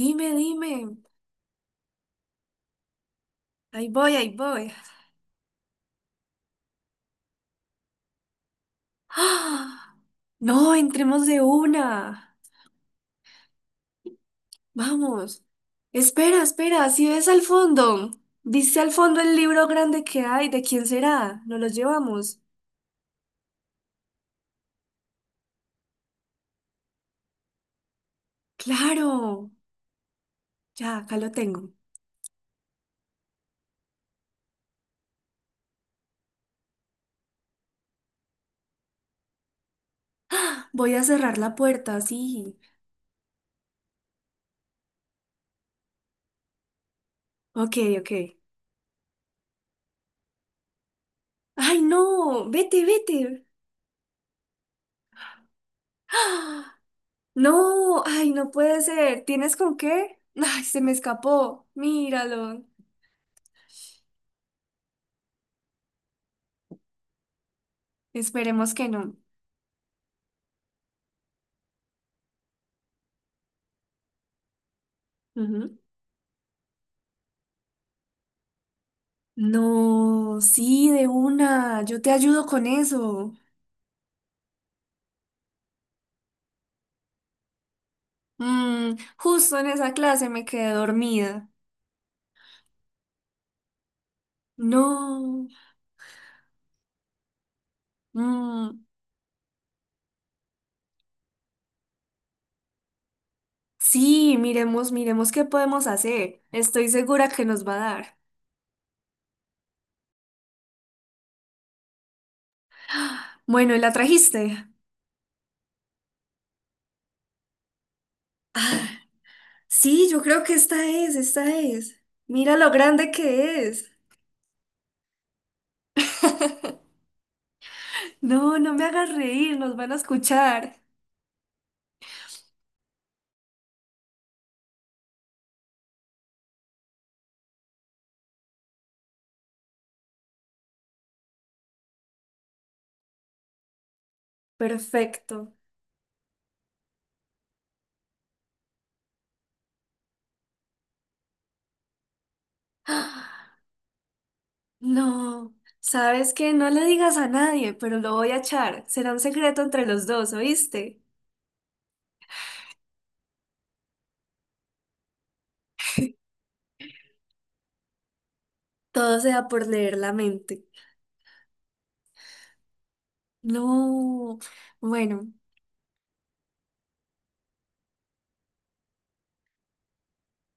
Dime, dime. Ahí voy, ahí voy. ¡Ah! No, entremos de una. Vamos. Espera, espera. Si ves al fondo, dice al fondo el libro grande que hay. ¿De quién será? ¿Nos lo llevamos? Claro. Ya, acá lo tengo. Voy a cerrar la puerta, sí. Ok, ok. Ay, no. Vete, vete. ¡Ah! No, ay, no puede ser. ¿Tienes con qué? Ay, se me escapó. Míralo. Esperemos que no. Ujú. No, sí, de una, yo te ayudo con eso. Mm, justo en esa clase me quedé dormida. No. Mm, sí, miremos, miremos qué podemos hacer. Estoy segura que nos va a dar. Bueno, ¿y la trajiste? Sí, yo creo que esta es. Mira lo grande que es. No, no me hagas reír, nos van a escuchar. Perfecto. No, sabes que no le digas a nadie, pero lo voy a echar. Será un secreto entre los dos, ¿oíste? Todo sea por leer la mente. No, bueno,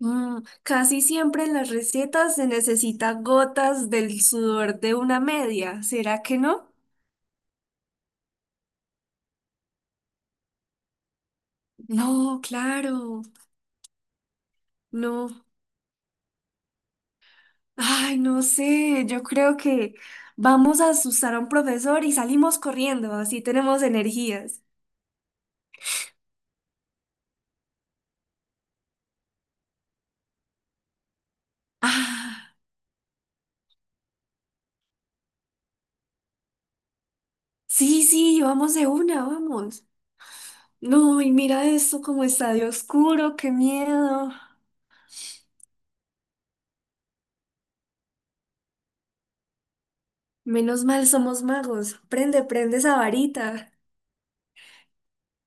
mm, casi siempre en las recetas se necesita gotas del sudor de una media. ¿Será que no? No, claro, no. Ay, no sé, yo creo que vamos a asustar a un profesor y salimos corriendo, así tenemos energías. Ah. Sí, sí, vamos de una, vamos. No, y mira esto como está de oscuro, qué miedo. Menos mal somos magos. Prende, prende esa varita.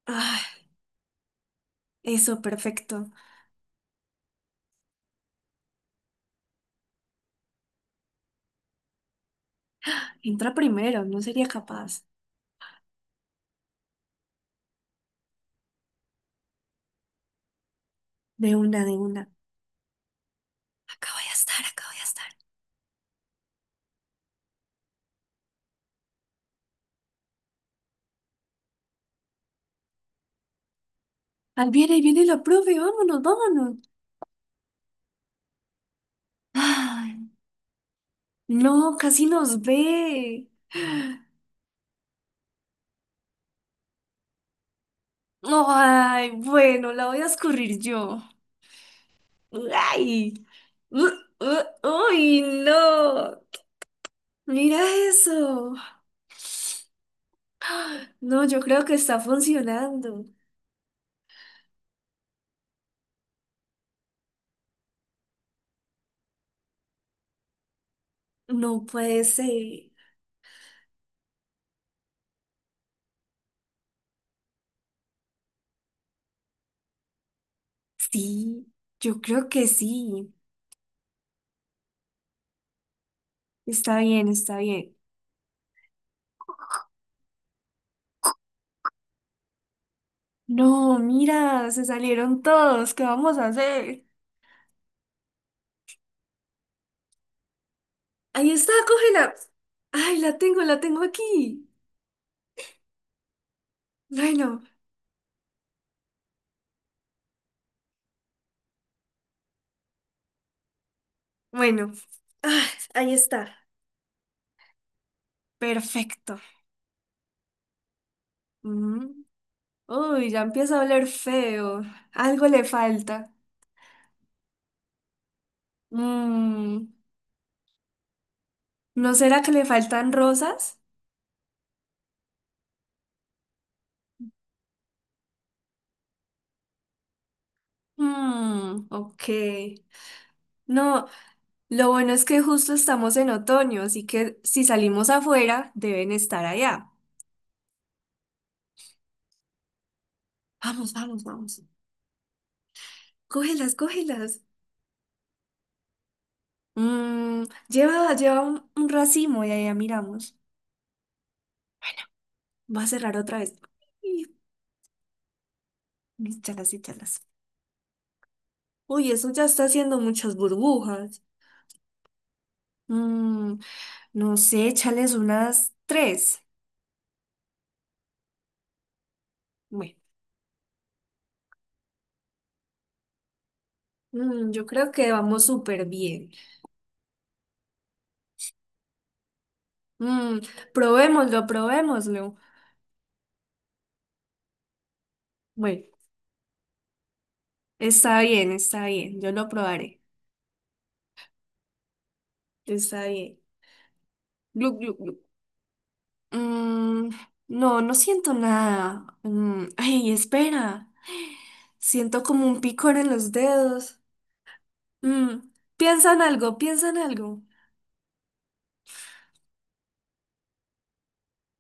Ah, eso, perfecto. Entra primero, no sería capaz. De una, de una. Acá voy a estar, acá voy a estar. Ahí viene la profe, vámonos, vámonos. Ay, no, casi nos ve. Ay, bueno, la voy a escurrir yo. Ay, uh, uy, no. Mira eso. No, yo creo que está funcionando. No puede ser. Sí, yo creo que sí. Está bien, está bien. No, mira, se salieron todos. ¿Qué vamos a hacer? Ahí está, cógela. Ay, la tengo aquí. Bueno, bueno. Ah, ahí está. Perfecto. Mm. Uy, ya empieza a oler feo. Algo le falta. Mm, ¿no será que le faltan rosas? Mm, ok. No, lo bueno es que justo estamos en otoño, así que si salimos afuera, deben estar allá. Vamos, vamos, vamos. Cógelas, cógelas. Mm, lleva, lleva un racimo y allá miramos. Va a cerrar otra vez. Y- Échalas, échalas. Uy, eso ya está haciendo muchas burbujas. Mm, no sé, échales unas tres. Bueno, mm, yo creo que vamos súper bien. Mm, probémoslo, probémoslo. Bueno, está bien, yo lo probaré. Está bien. Gluc, gluc, gluc. Mm, no, no siento nada. Mm, ay, espera. Siento como un picor en los dedos. Mm, piensa en algo, piensa en algo.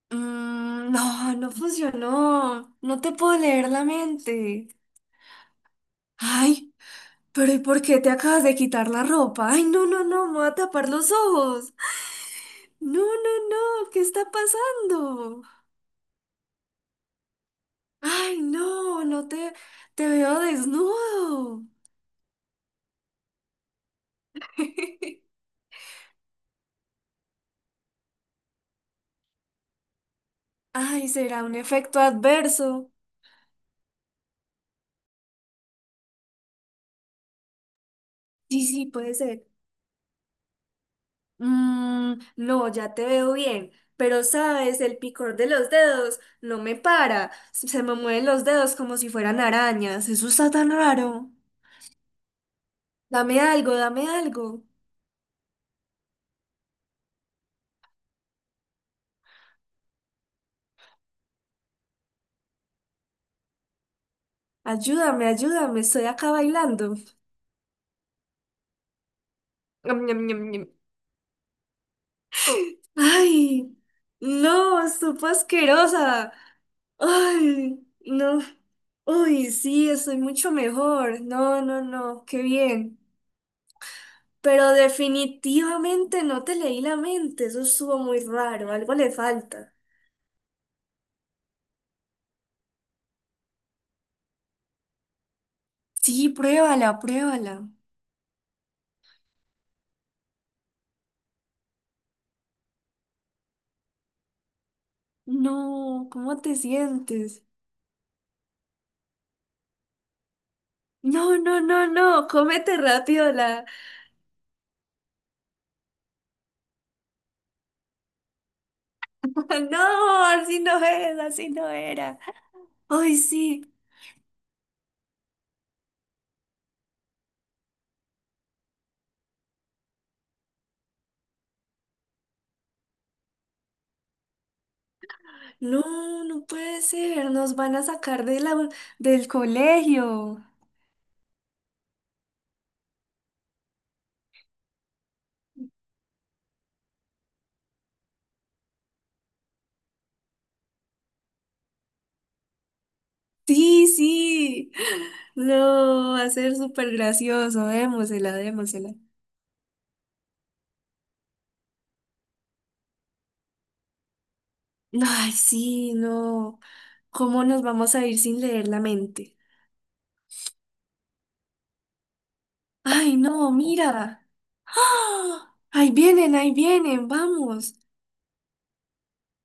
Mm, no, no funcionó. No te puedo leer la mente. Ay, pero ¿y por qué te acabas de quitar la ropa? Ay, no, no, no, me voy a tapar los ojos. No, no, no, ¿qué está pasando? Ay, no, no te, te veo desnudo. Ay, será un efecto adverso. Sí, sí, puede ser. Mm, no, ya te veo bien, pero sabes, el picor de los dedos no me para. Se me mueven los dedos como si fueran arañas. Eso está tan raro. Dame algo, dame algo. Ayúdame, ayúdame, estoy acá bailando. Ñam, ñam, ñam, ñam. Ay, no, supo asquerosa. Ay, no. Uy, sí, estoy mucho mejor. No, no, no, qué bien. Pero definitivamente no te leí la mente. Eso estuvo muy raro. Algo le falta. Sí, pruébala, pruébala. No, ¿cómo te sientes? No, no, no, no, cómete rápido la. No, así no es, así no era. Ay, sí. No, no puede ser. Nos van a sacar de la, del colegio. Sí, sí. No, va a ser súper gracioso. Démosela, démosela. Ay, sí, no. ¿Cómo nos vamos a ir sin leer la mente? Ay, no, mira. ¡Ah! Ahí vienen, vamos.